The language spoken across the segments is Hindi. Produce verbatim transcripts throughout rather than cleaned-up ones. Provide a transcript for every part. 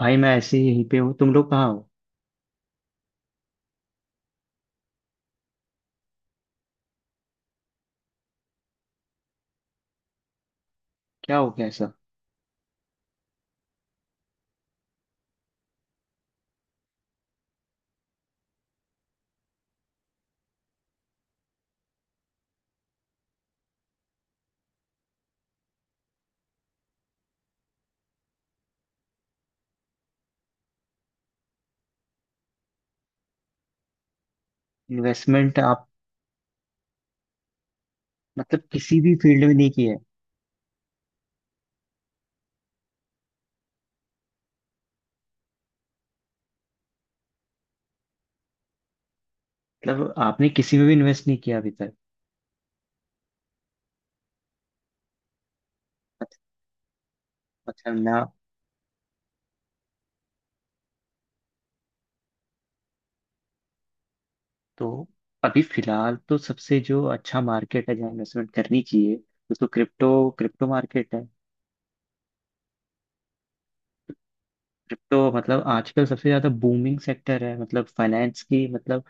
भाई मैं ऐसे ही यहीं पे हूँ। तुम लोग कहाँ हो? क्या हो गया ऐसा? इन्वेस्टमेंट आप मतलब किसी भी फील्ड में नहीं किया है? मतलब आपने किसी में भी इन्वेस्ट नहीं किया अभी तक? मत- मतलब ना। तो अभी फिलहाल तो सबसे जो अच्छा मार्केट है जहाँ इन्वेस्टमेंट करनी चाहिए, वो तो क्रिप्टो क्रिप्टो मार्केट है। क्रिप्टो मतलब आजकल सबसे ज्यादा बूमिंग सेक्टर है, मतलब फाइनेंस की। मतलब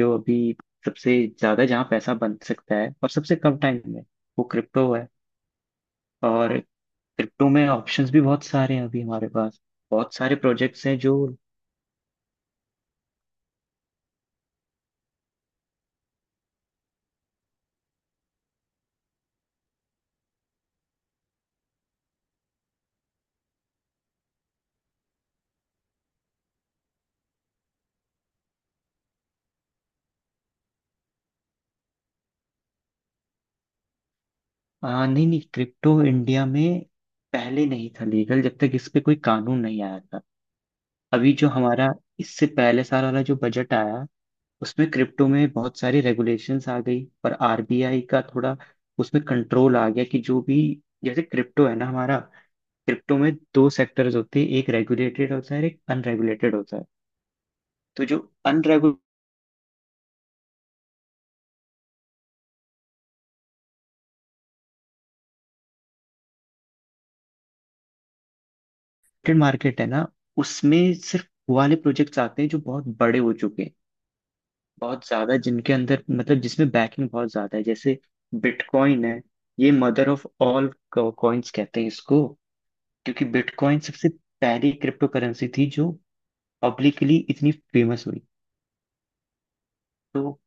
जो अभी सबसे ज्यादा जहाँ पैसा बन सकता है, और सबसे कम टाइम में, वो क्रिप्टो है। और क्रिप्टो में ऑप्शंस भी बहुत सारे हैं अभी हमारे पास, बहुत सारे प्रोजेक्ट्स हैं जो आ, नहीं नहीं, क्रिप्टो इंडिया में पहले नहीं था लीगल, जब तक इस पे कोई कानून नहीं आया था। अभी जो हमारा इससे पहले साल वाला जो बजट आया, उसमें क्रिप्टो में बहुत सारी रेगुलेशंस आ गई, पर आर बी आई का थोड़ा उसमें कंट्रोल आ गया, कि जो भी, जैसे क्रिप्टो है ना हमारा, क्रिप्टो में दो सेक्टर्स होते हैं, एक रेगुलेटेड होता है और एक अनरेगुलेटेड होता है। तो जो मार्केट है ना, उसमें सिर्फ वो वाले प्रोजेक्ट्स आते हैं जो बहुत बड़े हो चुके हैं, बहुत ज्यादा जिनके अंदर मतलब जिसमें बैकिंग बहुत ज्यादा है। जैसे बिटकॉइन है, ये मदर ऑफ ऑल कॉइन्स कहते हैं इसको, क्योंकि बिटकॉइन सबसे पहली क्रिप्टो करेंसी थी जो पब्लिकली इतनी फेमस हुई। तो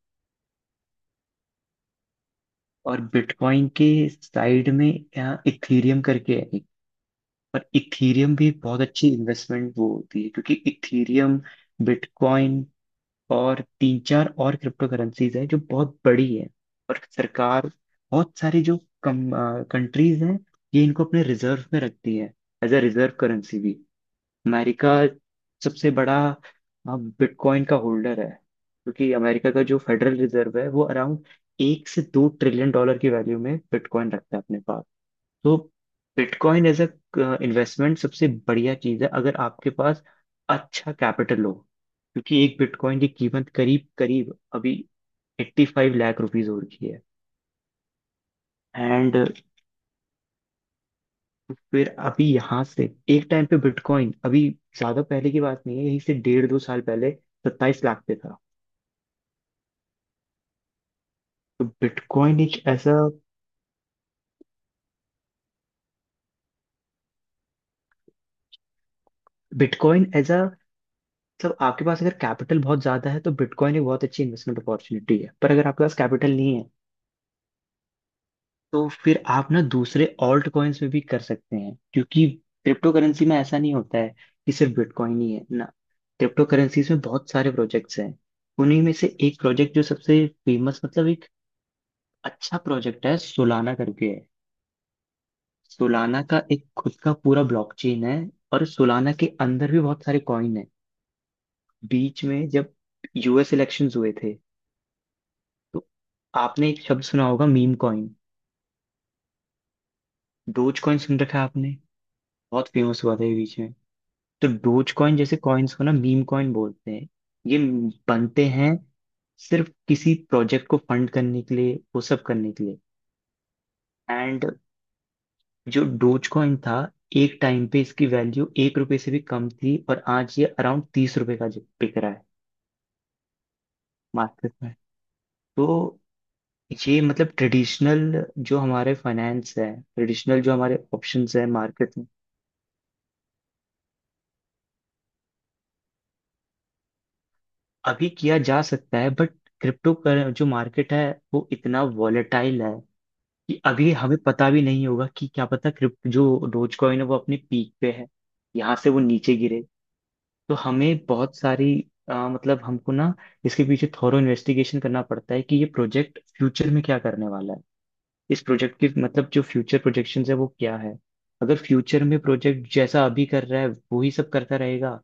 और बिटकॉइन के साइड में यहाँ इथीरियम करके है एक। पर इथीरियम भी बहुत अच्छी इन्वेस्टमेंट वो होती है, क्योंकि इथीरियम, बिटकॉइन और तीन चार और क्रिप्टो करेंसीज हैं जो बहुत बड़ी है। और सरकार, बहुत सारी जो कम कंट्रीज हैं, ये इनको अपने रिजर्व में रखती है, एज अ रिजर्व करेंसी भी। अमेरिका सबसे बड़ा बिटकॉइन का होल्डर है, क्योंकि अमेरिका का जो फेडरल रिजर्व है वो अराउंड एक से दो ट्रिलियन डॉलर की वैल्यू में बिटकॉइन रखता है अपने पास। तो बिटकॉइन एज अ इन्वेस्टमेंट सबसे बढ़िया चीज है अगर आपके पास अच्छा कैपिटल हो, क्योंकि एक बिटकॉइन की कीमत करीब करीब अभी एट्टी फाइव लाख रुपीज हो रखी है। एंड फिर अभी यहाँ से एक टाइम पे बिटकॉइन, अभी ज्यादा पहले की बात नहीं है, यहीं से डेढ़ दो साल पहले सत्ताईस लाख पे था। तो बिटकॉइन एक ऐसा, बिटकॉइन एज अ, मतलब आपके पास अगर कैपिटल बहुत ज्यादा है तो बिटकॉइन एक बहुत अच्छी इन्वेस्टमेंट अपॉर्चुनिटी है, पर अगर आपके पास कैपिटल नहीं है, तो फिर आप ना दूसरे ऑल्ट कॉइन्स में भी कर सकते हैं, क्योंकि क्रिप्टो करेंसी में ऐसा नहीं होता है कि सिर्फ बिटकॉइन ही है ना। क्रिप्टो करेंसीज में बहुत सारे प्रोजेक्ट्स हैं। उन्हीं में से एक प्रोजेक्ट जो सबसे फेमस, मतलब एक अच्छा प्रोजेक्ट है, सोलाना करके है। सोलाना का एक खुद का पूरा ब्लॉकचेन है, और सोलाना के अंदर भी बहुत सारे कॉइन है। बीच में जब यू एस इलेक्शंस हुए थे, तो आपने एक शब्द सुना होगा, मीम कॉइन। डोज कॉइन सुन रखा है आपने? बहुत फेमस हुआ था ये बीच में। तो डोज कॉइन जैसे कॉइन्स को ना मीम कॉइन बोलते हैं। ये बनते हैं सिर्फ किसी प्रोजेक्ट को फंड करने के लिए, वो सब करने के लिए। एंड जो डोज कॉइन था, एक टाइम पे इसकी वैल्यू एक रुपए से भी कम थी, और आज ये अराउंड तीस रुपए का बिक रहा है मार्केट में। तो ये मतलब ट्रेडिशनल जो हमारे फाइनेंस है, ट्रेडिशनल जो हमारे ऑप्शंस है मार्केट में, अभी किया जा सकता है, बट क्रिप्टो कर जो मार्केट है वो इतना वॉलेटाइल है, कि अभी हमें पता भी नहीं होगा कि क्या पता क्रिप्ट जो डोज कॉइन है वो अपने पीक पे है, यहाँ से वो नीचे गिरे। तो हमें बहुत सारी अ, मतलब हमको ना इसके पीछे थॉरो इन्वेस्टिगेशन करना पड़ता है, कि ये प्रोजेक्ट फ्यूचर में क्या करने वाला है, इस प्रोजेक्ट के मतलब जो फ्यूचर प्रोजेक्शंस है वो क्या है। अगर फ्यूचर में प्रोजेक्ट जैसा अभी कर रहा है वही सब करता रहेगा,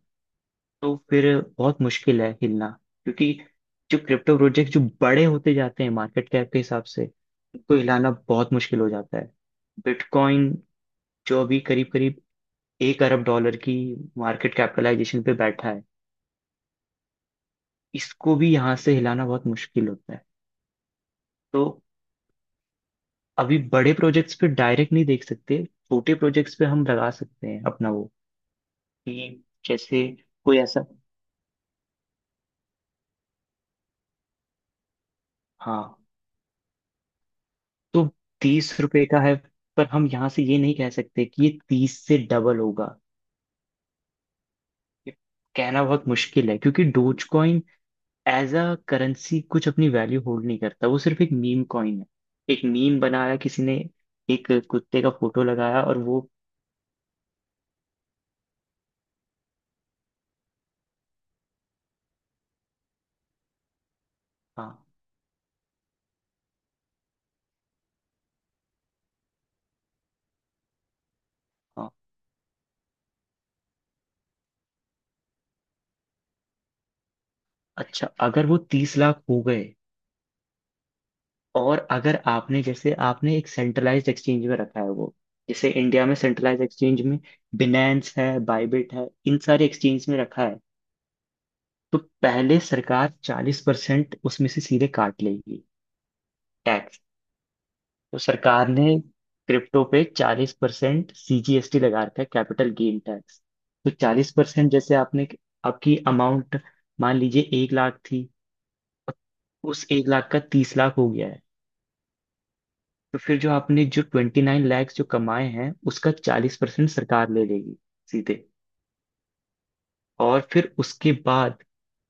तो फिर बहुत मुश्किल है हिलना, क्योंकि जो क्रिप्टो प्रोजेक्ट जो बड़े होते जाते हैं मार्केट कैप के हिसाब से, उनको हिलाना बहुत मुश्किल हो जाता है। बिटकॉइन जो अभी करीब करीब एक अरब डॉलर की मार्केट कैपिटलाइजेशन पे बैठा है, इसको भी यहाँ से हिलाना बहुत मुश्किल होता है। तो अभी बड़े प्रोजेक्ट्स पे डायरेक्ट नहीं देख सकते, छोटे प्रोजेक्ट्स पे हम लगा सकते हैं अपना वो, कि जैसे कोई ऐसा। हाँ, तो तीस रुपए का है, पर हम यहाँ से ये नहीं कह सकते कि ये तीस से डबल होगा। ये कहना बहुत मुश्किल है, क्योंकि Dogecoin as a currency कुछ अपनी वैल्यू होल्ड नहीं करता, वो सिर्फ एक मीम कॉइन है। एक मीम बनाया किसी ने, एक कुत्ते का फोटो लगाया, और वो। हाँ, हाँ। अच्छा, अगर वो तीस लाख हो गए, और अगर आपने, जैसे आपने एक सेंट्रलाइज्ड एक्सचेंज में रखा है वो, जैसे इंडिया में सेंट्रलाइज्ड एक्सचेंज में बिनेंस है, बाइबिट है, इन सारे एक्सचेंज में रखा है, तो पहले सरकार चालीस परसेंट उसमें से सीधे काट लेगी, टैक्स। तो सरकार ने क्रिप्टो पे चालीस परसेंट सी जी एस टी लगा रखा है, कैपिटल गेन टैक्स। तो चालीस परसेंट, जैसे आपने, आपकी अमाउंट मान लीजिए एक लाख थी, और उस एक लाख का तीस लाख हो गया है, तो फिर जो आपने जो ट्वेंटी नाइन लैक्स जो कमाए हैं, उसका चालीस परसेंट सरकार ले लेगी सीधे। और फिर उसके बाद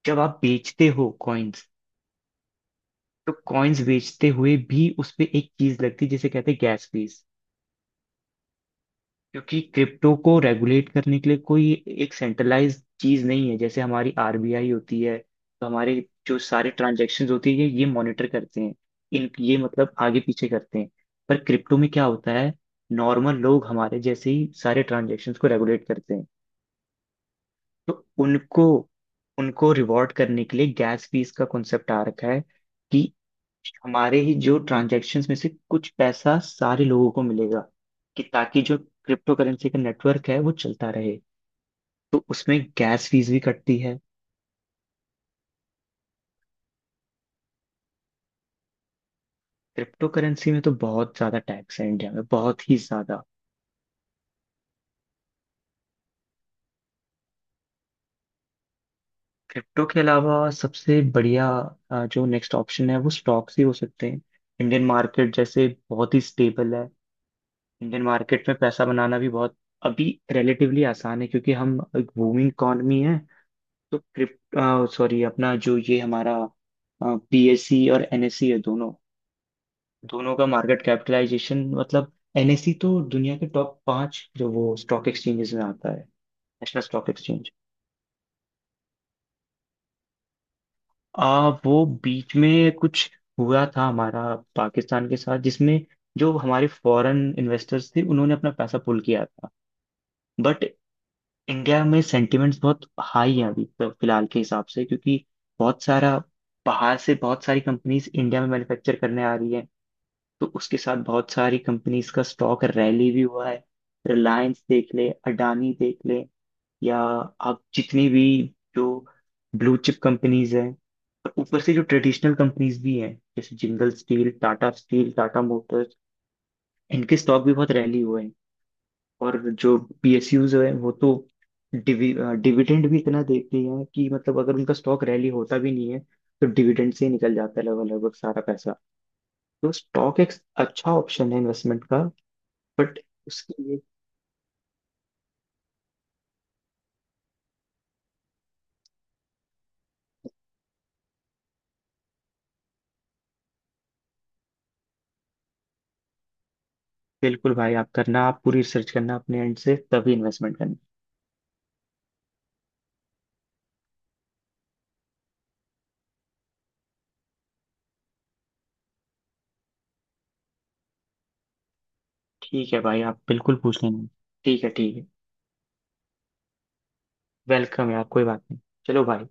जब आप बेचते हो कॉइन्स, तो कॉइन्स बेचते हुए भी उस पे एक चीज लगती है, जिसे कहते हैं गैस फीस। क्योंकि क्रिप्टो को रेगुलेट करने के लिए कोई एक सेंट्रलाइज चीज नहीं है, जैसे हमारी आर बी आई होती है, तो हमारे जो सारे ट्रांजेक्शन होती है ये मॉनिटर करते हैं, इन ये मतलब आगे पीछे करते हैं। पर क्रिप्टो में क्या होता है, नॉर्मल लोग हमारे जैसे ही सारे ट्रांजेक्शन को रेगुलेट करते हैं, तो उनको उनको रिवॉर्ड करने के लिए गैस फीस का कॉन्सेप्ट आ रखा है, कि हमारे ही जो ट्रांजैक्शंस में से कुछ पैसा सारे लोगों को मिलेगा, कि ताकि जो क्रिप्टो करेंसी का नेटवर्क है वो चलता रहे, तो उसमें गैस फीस भी कटती है। क्रिप्टो करेंसी में तो बहुत ज्यादा टैक्स है इंडिया में, बहुत ही ज्यादा। क्रिप्टो के अलावा सबसे बढ़िया अ, जो नेक्स्ट ऑप्शन है वो स्टॉक्स ही हो सकते हैं। इंडियन मार्केट जैसे बहुत ही स्टेबल है, इंडियन मार्केट में पैसा बनाना भी बहुत अभी रिलेटिवली आसान है, क्योंकि हम एक बूमिंग इकॉनमी है। तो क्रिप्टो, सॉरी, अपना जो ये हमारा पी एस सी और एन एस सी है दोनों। दोनों का मार्केट कैपिटलाइजेशन, मतलब एन एस सी तो दुनिया के टॉप पांच जो वो स्टॉक एक्सचेंजेस में आता है, नेशनल स्टॉक एक्सचेंज। आ वो बीच में कुछ हुआ था हमारा पाकिस्तान के साथ, जिसमें जो हमारे फॉरेन इन्वेस्टर्स थे उन्होंने अपना पैसा पुल किया था, बट इंडिया में सेंटिमेंट्स बहुत हाई हैं अभी तो फिलहाल के हिसाब से, क्योंकि बहुत सारा बाहर से बहुत सारी कंपनीज इंडिया में मैन्युफैक्चर करने आ रही हैं, तो उसके साथ बहुत सारी कंपनीज का स्टॉक रैली भी हुआ है। रिलायंस देख ले, अडानी देख ले, या आप जितनी भी जो ब्लू चिप कंपनीज हैं, और ऊपर से जो ट्रेडिशनल कंपनीज भी हैं, जैसे Jindal steel, Tata steel, Tata motors, इनके स्टॉक भी बहुत रैली हुए हैं। और जो पी एस यूज़ हैं, वो तो डिवि, डिविडेंड भी इतना देती हैं, कि मतलब अगर उनका स्टॉक रैली होता भी नहीं है, तो डिविडेंड से ही निकल जाता है लगभग लगभग सारा पैसा। तो स्टॉक एक अच्छा ऑप्शन है इन्वेस्टमेंट का, बट उसके लिए, बिल्कुल भाई, आप करना, आप पूरी रिसर्च करना अपने एंड से, तभी इन्वेस्टमेंट करना। ठीक है भाई, आप बिल्कुल पूछ लेना। ठीक है, ठीक है। वेलकम है आप, कोई बात नहीं। चलो भाई।